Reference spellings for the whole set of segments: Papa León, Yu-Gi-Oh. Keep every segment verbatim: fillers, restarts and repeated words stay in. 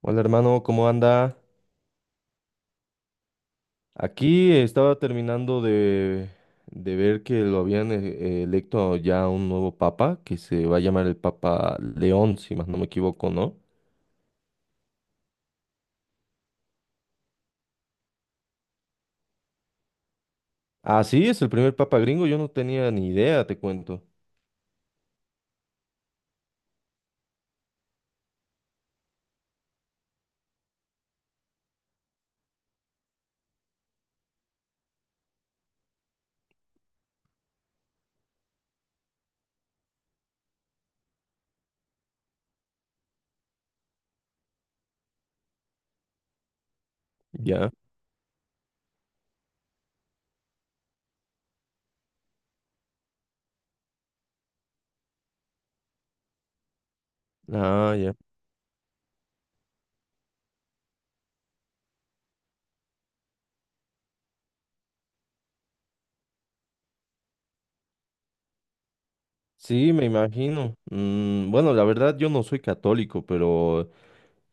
Hola hermano, ¿cómo anda? Aquí estaba terminando de, de ver que lo habían eh, electo ya un nuevo papa, que se va a llamar el Papa León, si más no me equivoco, ¿no? Ah, sí, es el primer papa gringo, yo no tenía ni idea, te cuento. Ya. Ah, ya. Sí, me imagino. Mm, bueno, la verdad yo no soy católico, pero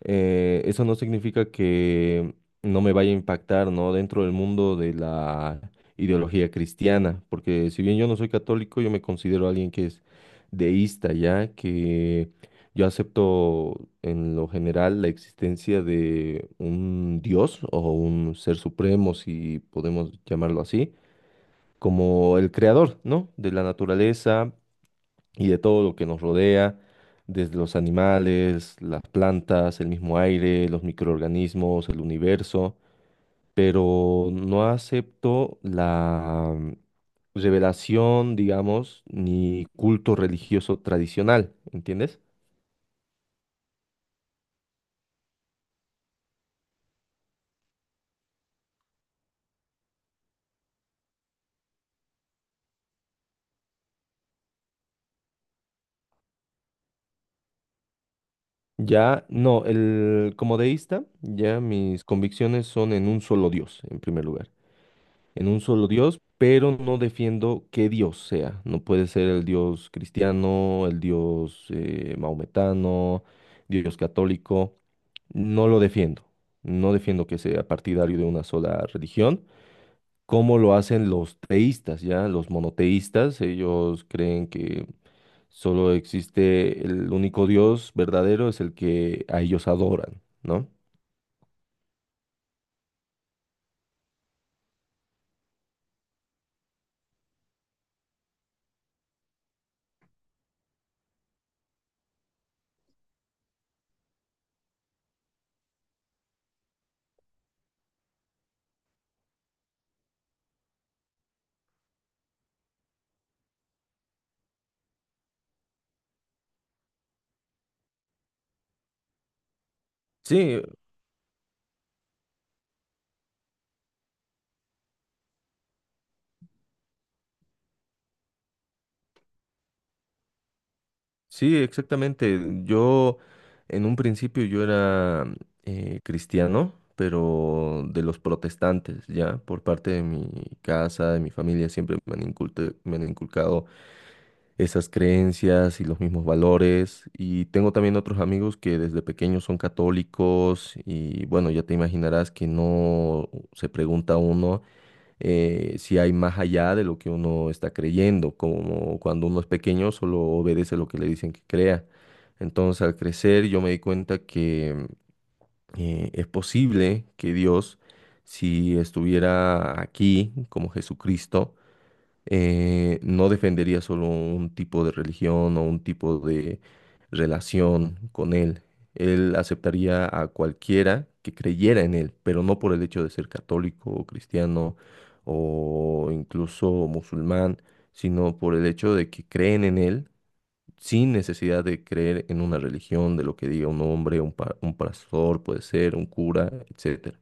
eh, eso no significa que no me vaya a impactar, ¿no? Dentro del mundo de la ideología cristiana, porque si bien yo no soy católico, yo me considero alguien que es deísta, ¿ya? Que yo acepto en lo general la existencia de un Dios o un ser supremo, si podemos llamarlo así, como el creador, ¿no? De la naturaleza y de todo lo que nos rodea, desde los animales, las plantas, el mismo aire, los microorganismos, el universo, pero no acepto la mm, revelación, digamos, ni culto religioso tradicional, ¿entiendes? Ya, no, el, como deísta, ya mis convicciones son en un solo Dios, en primer lugar. En un solo Dios, pero no defiendo qué Dios sea. No puede ser el Dios cristiano, el Dios eh, maometano, Dios católico. No lo defiendo. No defiendo que sea partidario de una sola religión, como lo hacen los teístas, ¿ya? Los monoteístas, ellos creen que solo existe el único Dios verdadero, es el que a ellos adoran, ¿no? Sí, sí, exactamente. Yo en un principio yo era eh, cristiano, pero de los protestantes, ya, por parte de mi casa, de mi familia, siempre me han inculte- me han inculcado esas creencias y los mismos valores. Y tengo también otros amigos que desde pequeños son católicos y bueno, ya te imaginarás que no se pregunta uno eh, si hay más allá de lo que uno está creyendo, como cuando uno es pequeño solo obedece lo que le dicen que crea. Entonces al crecer yo me di cuenta que mm, eh, es posible que Dios, si estuviera aquí como Jesucristo, eh, no defendería solo un tipo de religión o un tipo de relación con él. Él aceptaría a cualquiera que creyera en él, pero no por el hecho de ser católico o cristiano o incluso musulmán, sino por el hecho de que creen en él sin necesidad de creer en una religión, de lo que diga un hombre, un, pa- un pastor, puede ser, un cura, etcétera.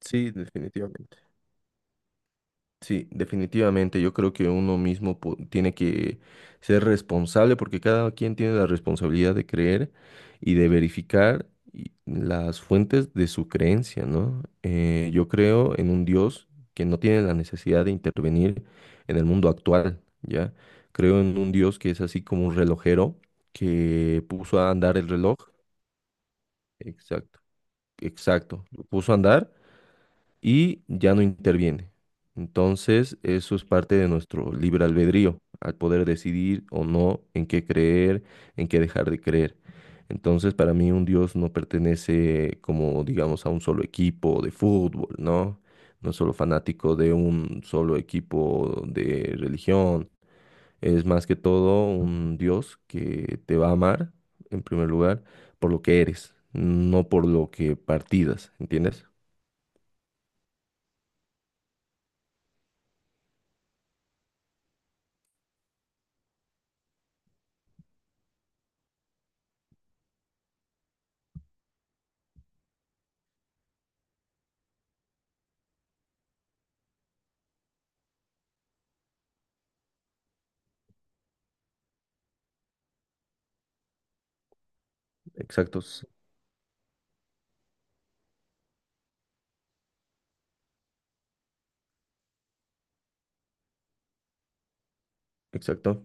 Sí, definitivamente. Sí, definitivamente. Yo creo que uno mismo po- tiene que ser responsable porque cada quien tiene la responsabilidad de creer y de verificar y- las fuentes de su creencia, ¿no? Eh, yo creo en un Dios que no tiene la necesidad de intervenir en el mundo actual, ¿ya? Creo en un Dios que es así como un relojero que puso a andar el reloj. Exacto, exacto. Lo puso a andar y ya no interviene. Entonces, eso es parte de nuestro libre albedrío, al poder decidir o no en qué creer, en qué dejar de creer. Entonces, para mí un Dios no pertenece como, digamos, a un solo equipo de fútbol, ¿no? No es solo fanático de un solo equipo de religión. Es más que todo un Dios que te va a amar, en primer lugar, por lo que eres, no por lo que partidas, ¿entiendes? Exactos, exacto.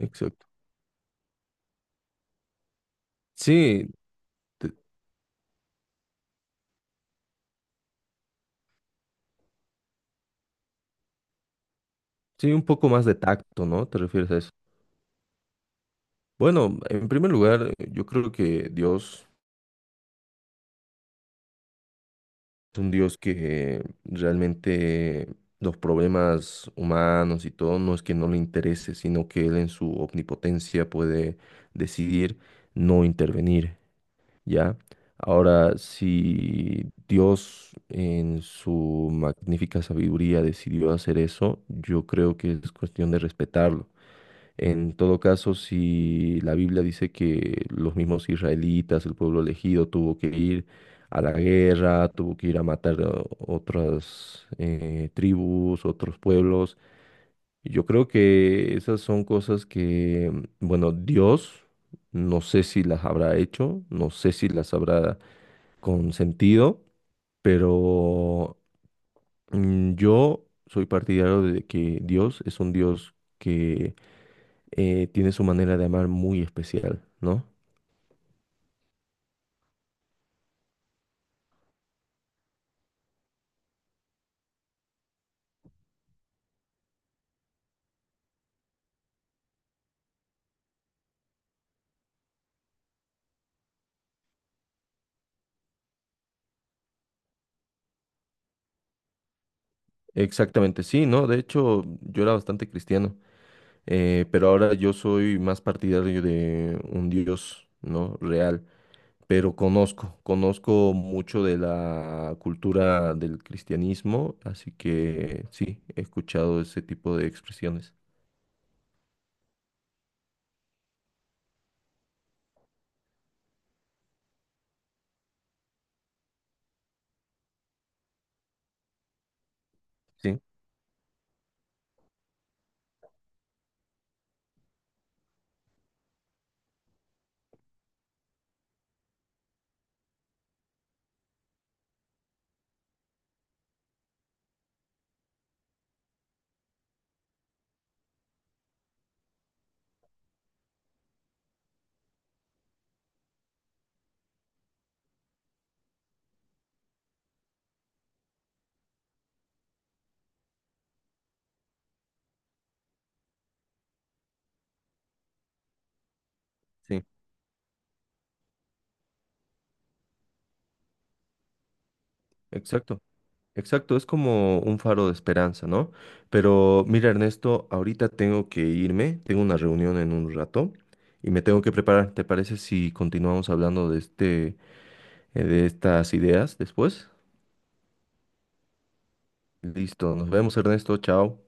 Exacto. Sí, te- sí, un poco más de tacto, ¿no? ¿Te refieres a eso? Bueno, en primer lugar, yo creo que Dios es un Dios que realmente los problemas humanos y todo no es que no le interese, sino que Él en su omnipotencia puede decidir no intervenir, ¿ya? Ahora, si Dios en su magnífica sabiduría decidió hacer eso, yo creo que es cuestión de respetarlo. En todo caso, si la Biblia dice que los mismos israelitas, el pueblo elegido, tuvo que ir a la guerra, tuvo que ir a matar a otras eh, tribus, otros pueblos, yo creo que esas son cosas que, bueno, Dios no sé si las habrá hecho, no sé si las habrá consentido, pero mm, yo soy partidario de que Dios es un Dios que eh, tiene su manera de amar muy especial, ¿no? Exactamente, sí, ¿no? De hecho, yo era bastante cristiano, eh, pero ahora yo soy más partidario de un Dios, ¿no? Real, pero conozco, conozco mucho de la cultura del cristianismo, así que sí, he escuchado ese tipo de expresiones. Sí, sí, exacto. Exacto, es como un faro de esperanza, ¿no? Pero mira, Ernesto, ahorita tengo que irme, tengo una reunión en un rato y me tengo que preparar. ¿Te parece si continuamos hablando de este, eh, de estas ideas después? Listo, nos vemos, Ernesto, chao.